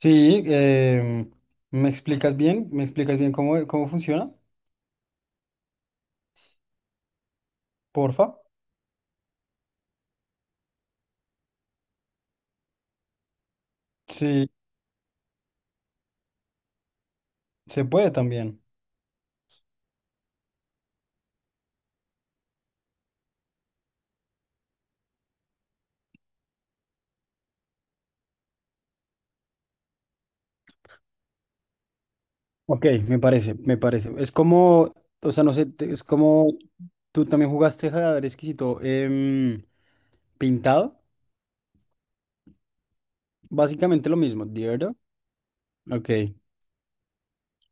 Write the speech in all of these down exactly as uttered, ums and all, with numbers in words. Sí, em, ¿me explicas bien? ¿Me explicas bien cómo, cómo funciona? Porfa. Sí, se puede también. Ok, me parece, me parece. Es como, o sea, no sé, te- es como tú también jugaste ver Exquisito em, pintado. Básicamente lo mismo, ¿de verdad? Ok,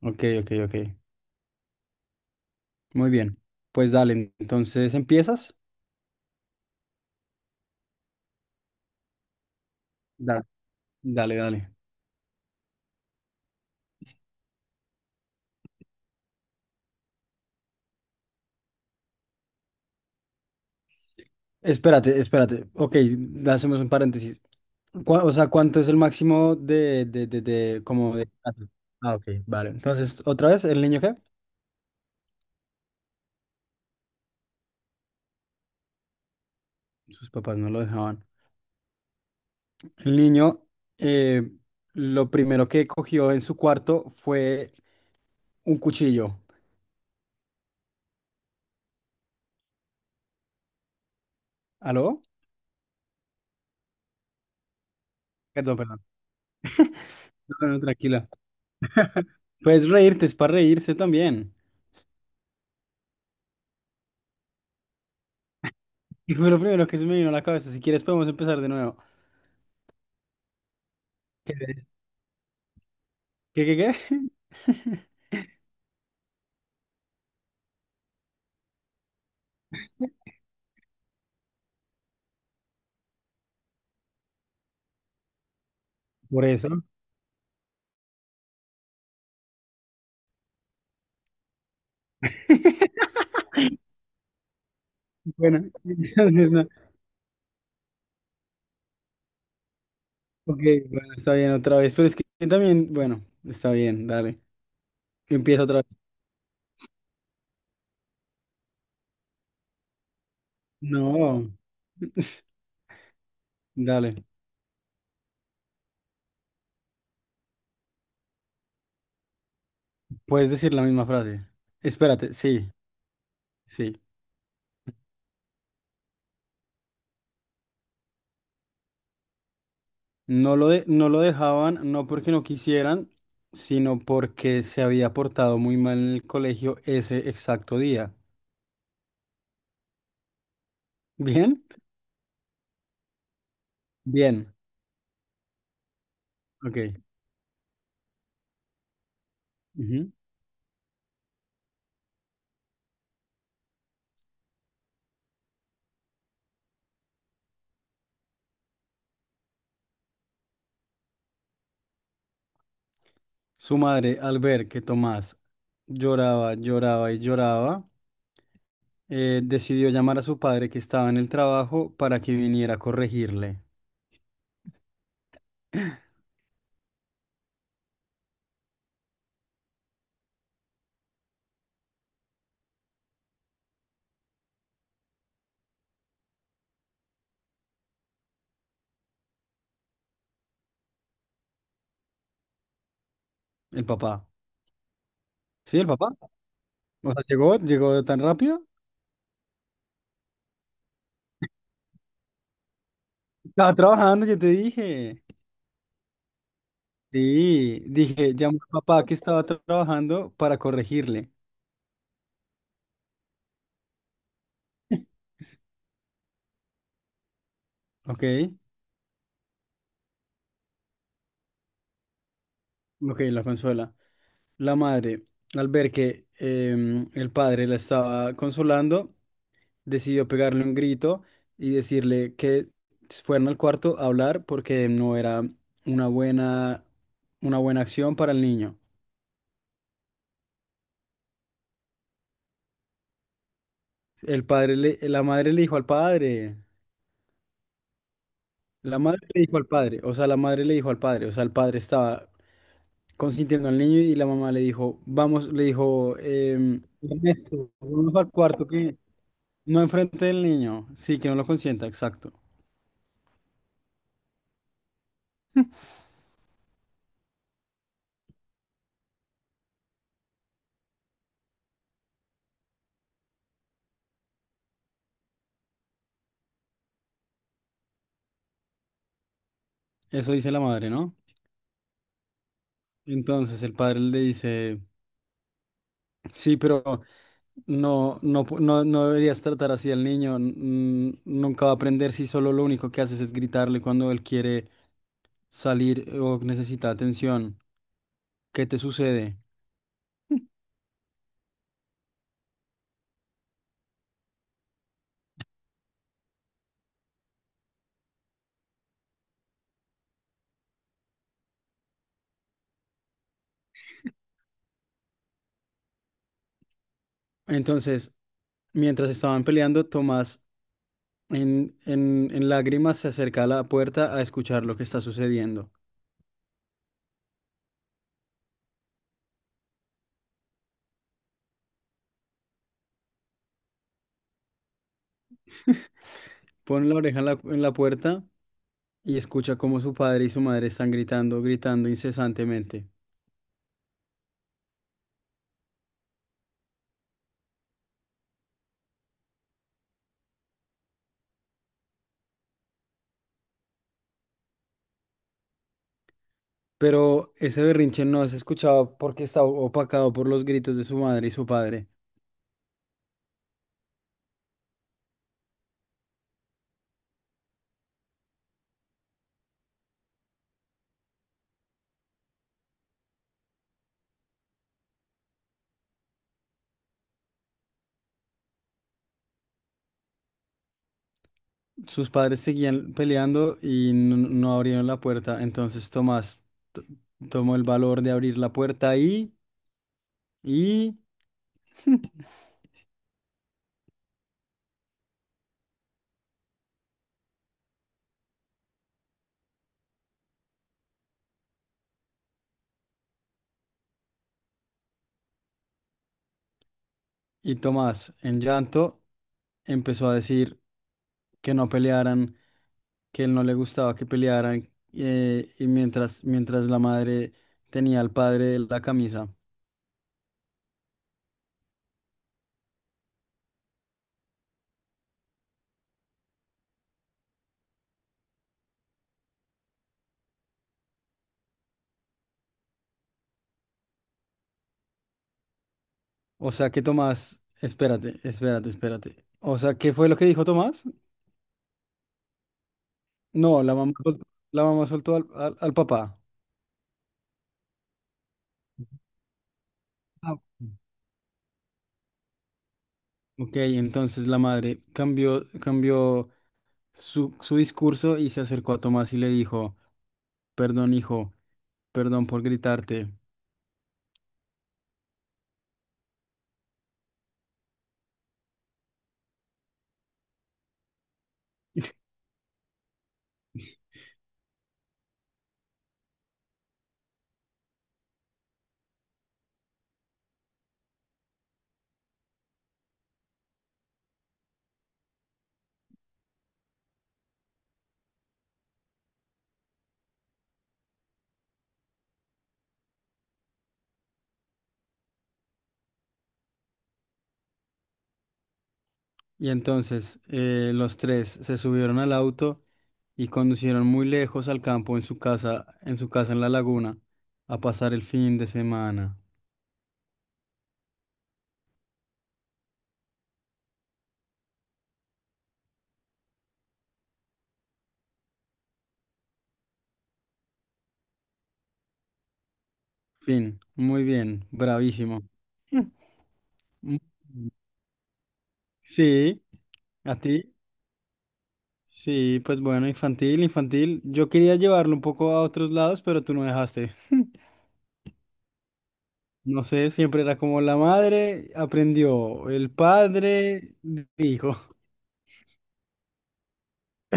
ok, ok, ok. Muy bien. Pues dale, entonces empiezas. Dale, dale, dale. Espérate, espérate. Ok, hacemos un paréntesis. Cua- O sea, ¿cuánto es el máximo de, de, de, de- como de... Ah, ok, vale. Entonces, otra vez, ¿el niño qué? Sus papás no lo dejaban. El niño, eh, lo primero que cogió en su cuarto fue un cuchillo. ¿Aló? Perdón, perdón. No, no, tranquila. Puedes reírte, es para reírse también. Y fue lo primero que se me vino a la cabeza. Si quieres, podemos empezar de nuevo. ¿Qué, qué, qué? Por eso. Bueno, entonces, no. Ok, bueno, está bien otra vez. Pero es que también, bueno, está bien, dale. Empieza otra vez. No, dale. Puedes decir la misma frase. Espérate, sí, sí. No lo de- no lo dejaban, no porque no quisieran, sino porque se había portado muy mal en el colegio ese exacto día. ¿Bien? Bien. Ok. Ujú. Su madre, al ver que Tomás lloraba, lloraba y lloraba, eh, decidió llamar a su padre que estaba en el trabajo para que viniera a corregirle. El papá. Sí, el papá. O sea, llegó, llegó tan rápido. Estaba trabajando, yo te dije. Sí, dije, llamó al papá que estaba tra- trabajando para corregirle. Ok, ok, la consuela. La madre, al ver que em, el padre la estaba consolando, decidió pegarle un grito y decirle que fueran al cuarto a hablar porque no era una buena, una buena acción para el niño. El padre le- la madre le dijo al padre. La madre le dijo al padre, o sea, la madre le dijo al padre, o sea, el padre estaba consintiendo al niño y la mamá le dijo, vamos, le dijo, em, Ernesto, vamos al cuarto que no enfrente del niño, sí, que no lo consienta, exacto. Eso dice la madre, ¿no? Entonces el padre le dice, sí, pero no, no, pu- no, no deberías tratar así al niño, n- nunca va a aprender si solo lo único que haces es gritarle cuando él quiere salir o necesita atención. ¿Qué te sucede? Entonces, mientras estaban peleando, Tomás en, en, en lágrimas se acerca a la puerta a escuchar lo que está sucediendo. Pone la oreja en la, en la puerta y escucha cómo su padre y su madre están gritando, gritando incesantemente. Pero ese berrinche no es escuchado porque está opacado por los gritos de su madre y su padre. Sus padres seguían peleando y no, no abrieron la puerta. Entonces Tomás t- tomó el valor de abrir la puerta y Y, y Tomás, en llanto, empezó a decir que no pelearan, que él no le gustaba que pelearan, eh, y mientras, mientras la madre tenía al padre de la camisa. O sea que Tomás, espérate, espérate, espérate. O sea, ¿qué fue lo que dijo Tomás? No, la mamá soltó, la mamá soltó al, al- al papá. Ah, ok, entonces la madre cambió, cambió su, su discurso y se acercó a Tomás y le dijo. Perdón, hijo, perdón por gritarte. Y entonces eh, los tres se subieron al auto y conducieron muy lejos al campo en su casa, en su casa en la laguna, a pasar el fin de semana. Fin, muy bien, bravísimo. Mm, sí, a ti. Sí, pues bueno, infantil, infantil. Yo quería llevarlo un poco a otros lados, pero tú no dejaste. No sé, siempre era como la madre aprendió, el padre dijo.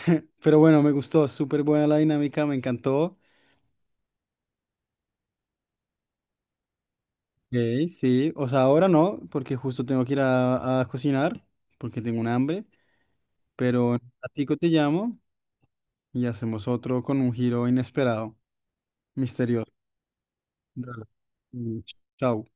Pero bueno, me gustó, súper buena la dinámica, me encantó. Ok, sí, o sea, ahora no, porque justo tengo que ir a, a cocinar, porque tengo un hambre, pero a ti te llamo y hacemos otro con un giro inesperado, misterioso. Dale. Mm, chao.